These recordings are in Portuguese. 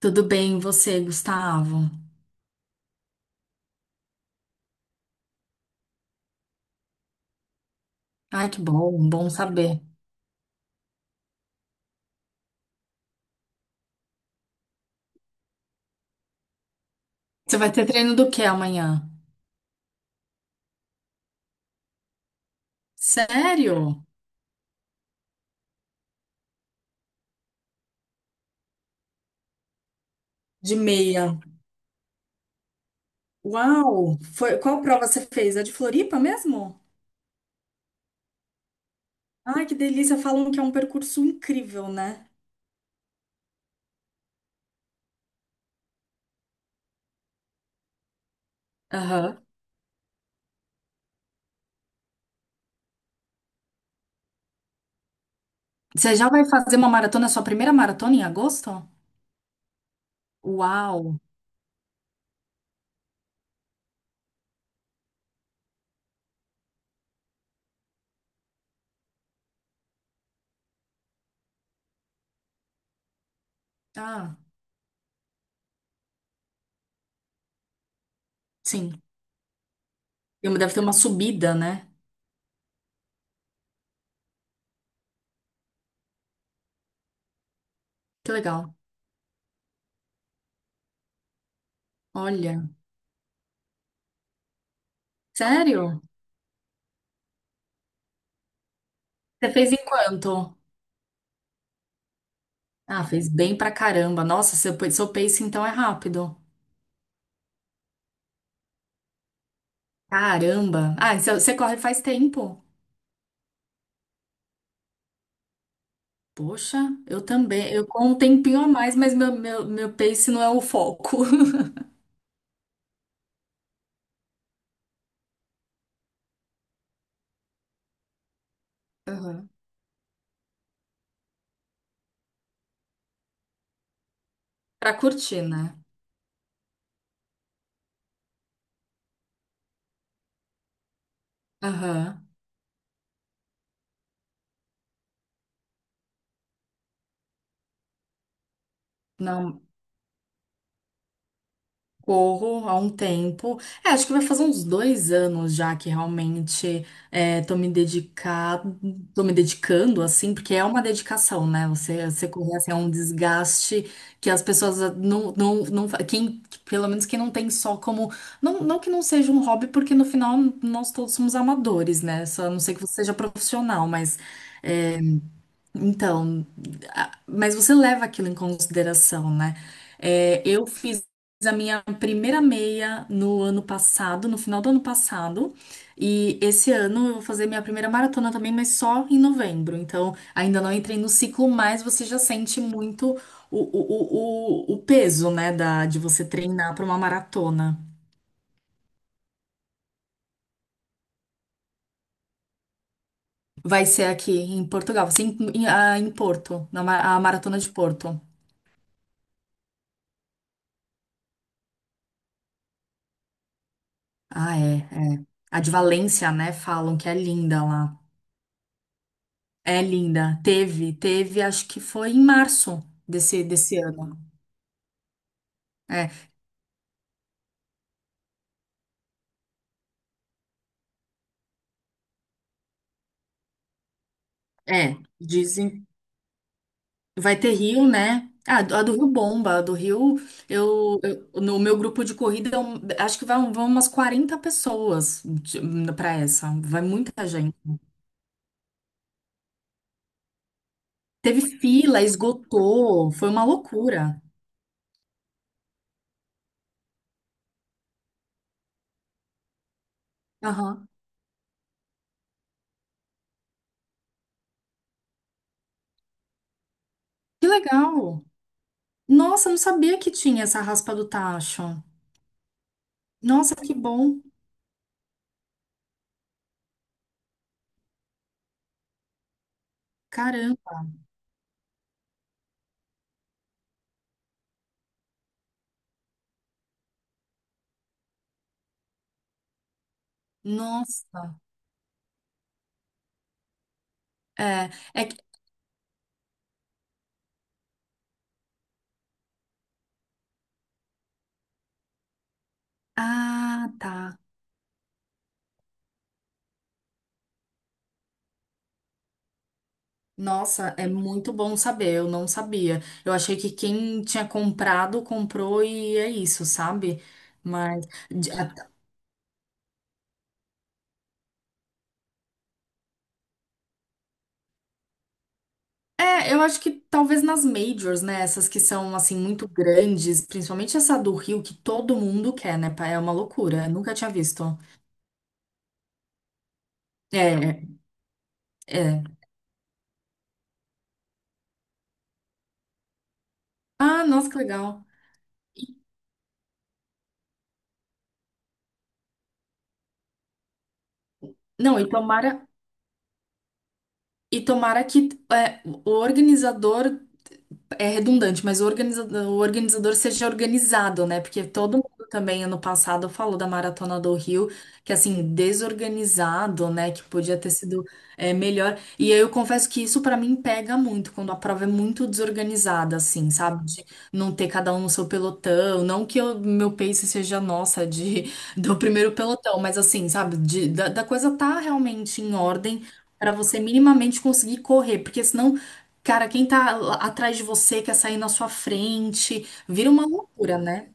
Tudo bem, e você, Gustavo? Ai, que bom saber. Você vai ter treino do que amanhã? Sério? De meia. Uau! Qual prova você fez? A de Floripa mesmo? Ai, que delícia! Falam que é um percurso incrível, né? Aham. Você já vai fazer uma maratona, sua primeira maratona em agosto? Uau! Ah, sim. Deve ter uma subida, né? Que legal. Olha. Sério? Você fez em quanto? Ah, fez bem pra caramba. Nossa, seu pace então é rápido. Caramba. Ah, você corre faz tempo. Poxa, eu também. Eu com um tempinho a mais, mas meu pace não é o foco. Aham. Pra curtir, né? Aham. Não, corro há um tempo. É, acho que vai fazer uns 2 anos já que realmente é, tô me dedicado, tô me dedicando, assim, porque é uma dedicação, né? Você correr assim, é um desgaste que as pessoas não, não, não, quem, pelo menos quem não tem só como, não, não que não seja um hobby, porque no final nós todos somos amadores, né? Só a não sei que você seja profissional, mas então, mas você leva aquilo em consideração, né? É, eu fiz a minha primeira meia no ano passado, no final do ano passado, e esse ano eu vou fazer minha primeira maratona também, mas só em novembro. Então, ainda não entrei no ciclo, mas você já sente muito o peso, né, de você treinar para uma maratona. Vai ser aqui em Portugal, vai ser em Porto, a maratona de Porto. Ah, é, é. A de Valência, né? Falam que é linda lá. É linda. Teve, acho que foi em março desse ano. É, é, dizem. Vai ter Rio, né? Ah, a do Rio bomba. A do Rio, no meu grupo de corrida, acho que vão umas 40 pessoas para essa. Vai muita gente. Teve fila, esgotou, foi uma loucura. Aham. Que legal. Nossa, eu não sabia que tinha essa raspa do tacho. Nossa, que bom. Caramba. Nossa. É, é que... Ah, tá. Nossa, é muito bom saber. Eu não sabia. Eu achei que quem tinha comprado, comprou e é isso, sabe? Mas. de- a- É, eu acho que talvez nas majors, né? Essas que são, assim, muito grandes, principalmente essa do Rio, que todo mundo quer, né? Pá? É uma loucura. Eu nunca tinha visto. É, é. É. Ah, nossa, que legal. E- Não, e tomara. E tomara que é, o organizador é redundante, mas o organizador seja organizado, né? Porque todo mundo também ano passado falou da Maratona do Rio, que assim, desorganizado, né? Que podia ter sido melhor. E eu confesso que isso pra mim pega muito, quando a prova é muito desorganizada, assim, sabe? De não ter cada um no seu pelotão. Não que o meu pace seja nossa, de, do primeiro pelotão, mas assim, sabe? Da coisa tá realmente em ordem. Pra você minimamente conseguir correr, porque senão, cara, quem tá lá atrás de você quer sair na sua frente, vira uma loucura, né?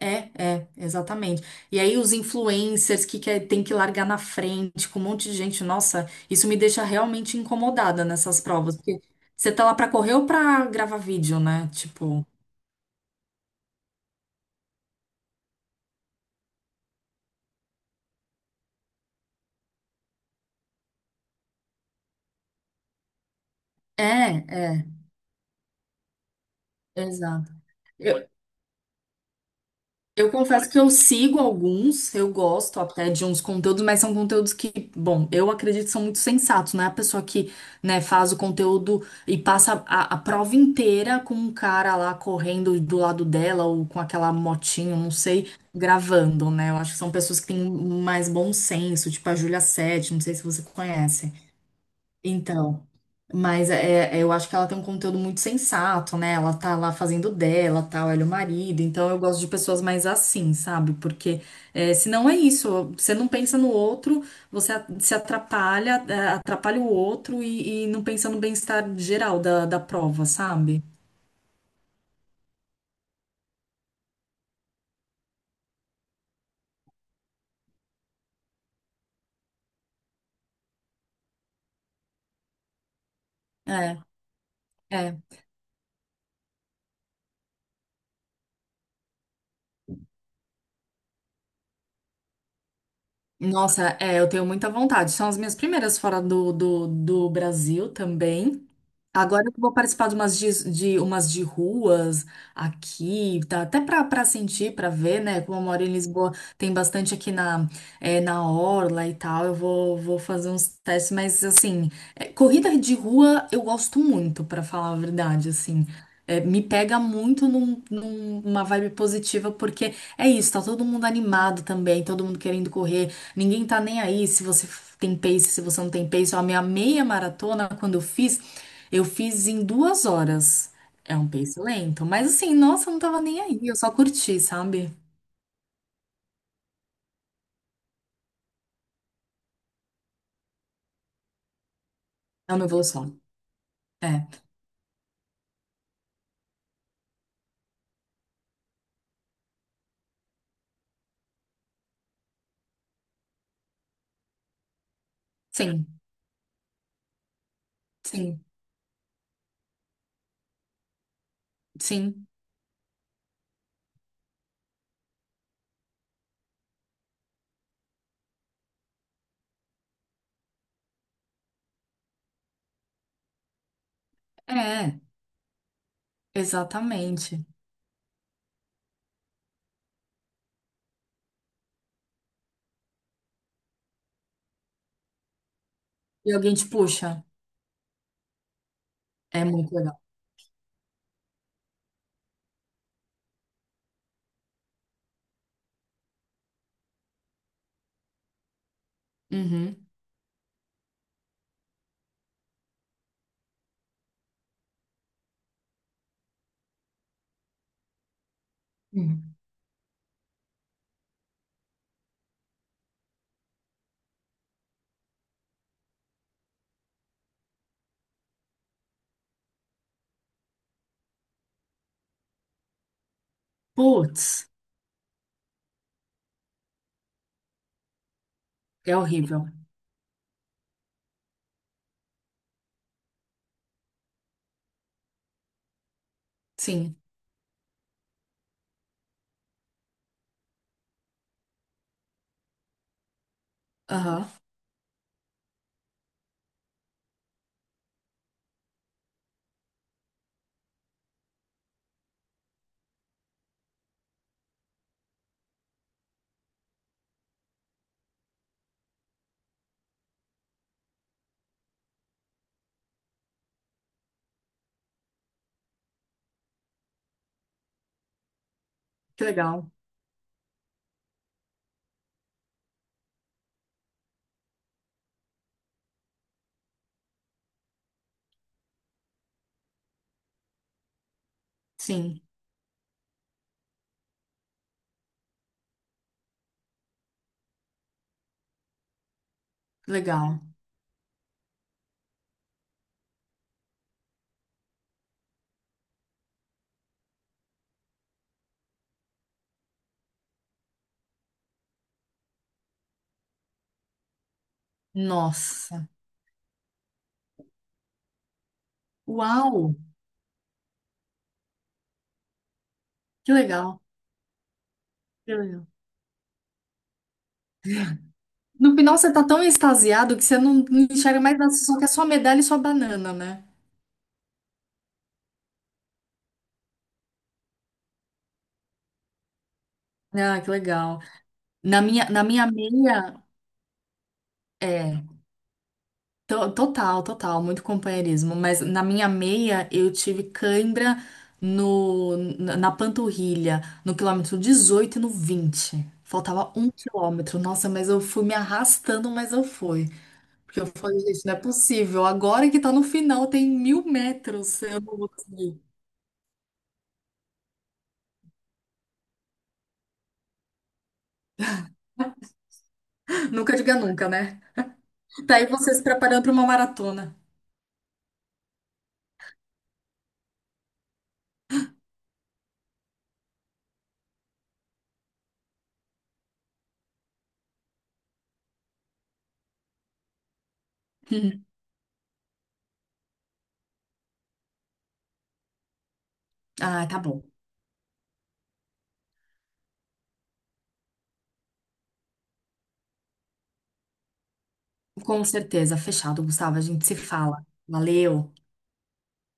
É, é, exatamente. E aí os influencers que quer, tem que largar na frente com um monte de gente, nossa, isso me deixa realmente incomodada nessas provas, porque você tá lá pra correr ou pra gravar vídeo, né? Tipo, é, é, exato. Eu confesso que eu sigo alguns, eu gosto até de uns conteúdos, mas são conteúdos que, bom, eu acredito que são muito sensatos, não é a pessoa que, né, faz o conteúdo e passa a prova inteira com um cara lá correndo do lado dela ou com aquela motinho, não sei, gravando, né? Eu acho que são pessoas que têm mais bom senso, tipo a Júlia Sete, não sei se você conhece. Então, mas eu acho que ela tem um conteúdo muito sensato, né? Ela tá lá fazendo dela, tal, ela é o marido. Então eu gosto de pessoas mais assim, sabe? Porque senão é isso, você não pensa no outro, você se atrapalha, atrapalha o outro e não pensa no bem-estar geral da prova, sabe? É, é. Nossa, eu tenho muita vontade. São as minhas primeiras fora do Brasil também. Agora que eu vou participar de umas de ruas aqui, tá? Até para sentir, para ver, né? Como eu moro em Lisboa, tem bastante aqui na Orla e tal. Eu vou fazer uns testes, mas assim, corrida de rua eu gosto muito, para falar a verdade, assim. Me pega muito numa vibe positiva, porque é isso, tá todo mundo animado também, todo mundo querendo correr, ninguém tá nem aí se você tem pace, se você não tem pace. Ó, a minha meia maratona, quando eu fiz. Eu fiz em 2 horas. É um pace lento, mas assim, nossa, eu não tava nem aí, eu só curti, sabe? É uma evolução. É, sim, sim, sim, é, exatamente. E alguém te puxa, é muito legal. Uhum. Uhum. Putz, é horrível. Sim, aham, que legal, sim, legal. Nossa, uau, que legal, que legal. No final você tá tão extasiado que você não não enxerga mais nada, você só quer sua medalha e sua banana, né? Ah, que legal. Na minha meia, é, total, total, muito companheirismo, mas na minha meia eu tive cãibra na panturrilha, no quilômetro 18 e no 20. Faltava um quilômetro. Nossa, mas eu fui me arrastando, mas eu fui. Porque eu falei, gente, não é possível. Agora que tá no final, tem 1.000 metros. Eu não vou conseguir. Nunca diga nunca, né? Tá aí você se preparando pra uma maratona. Ah, tá bom. Com certeza, fechado, Gustavo. A gente se fala. Valeu.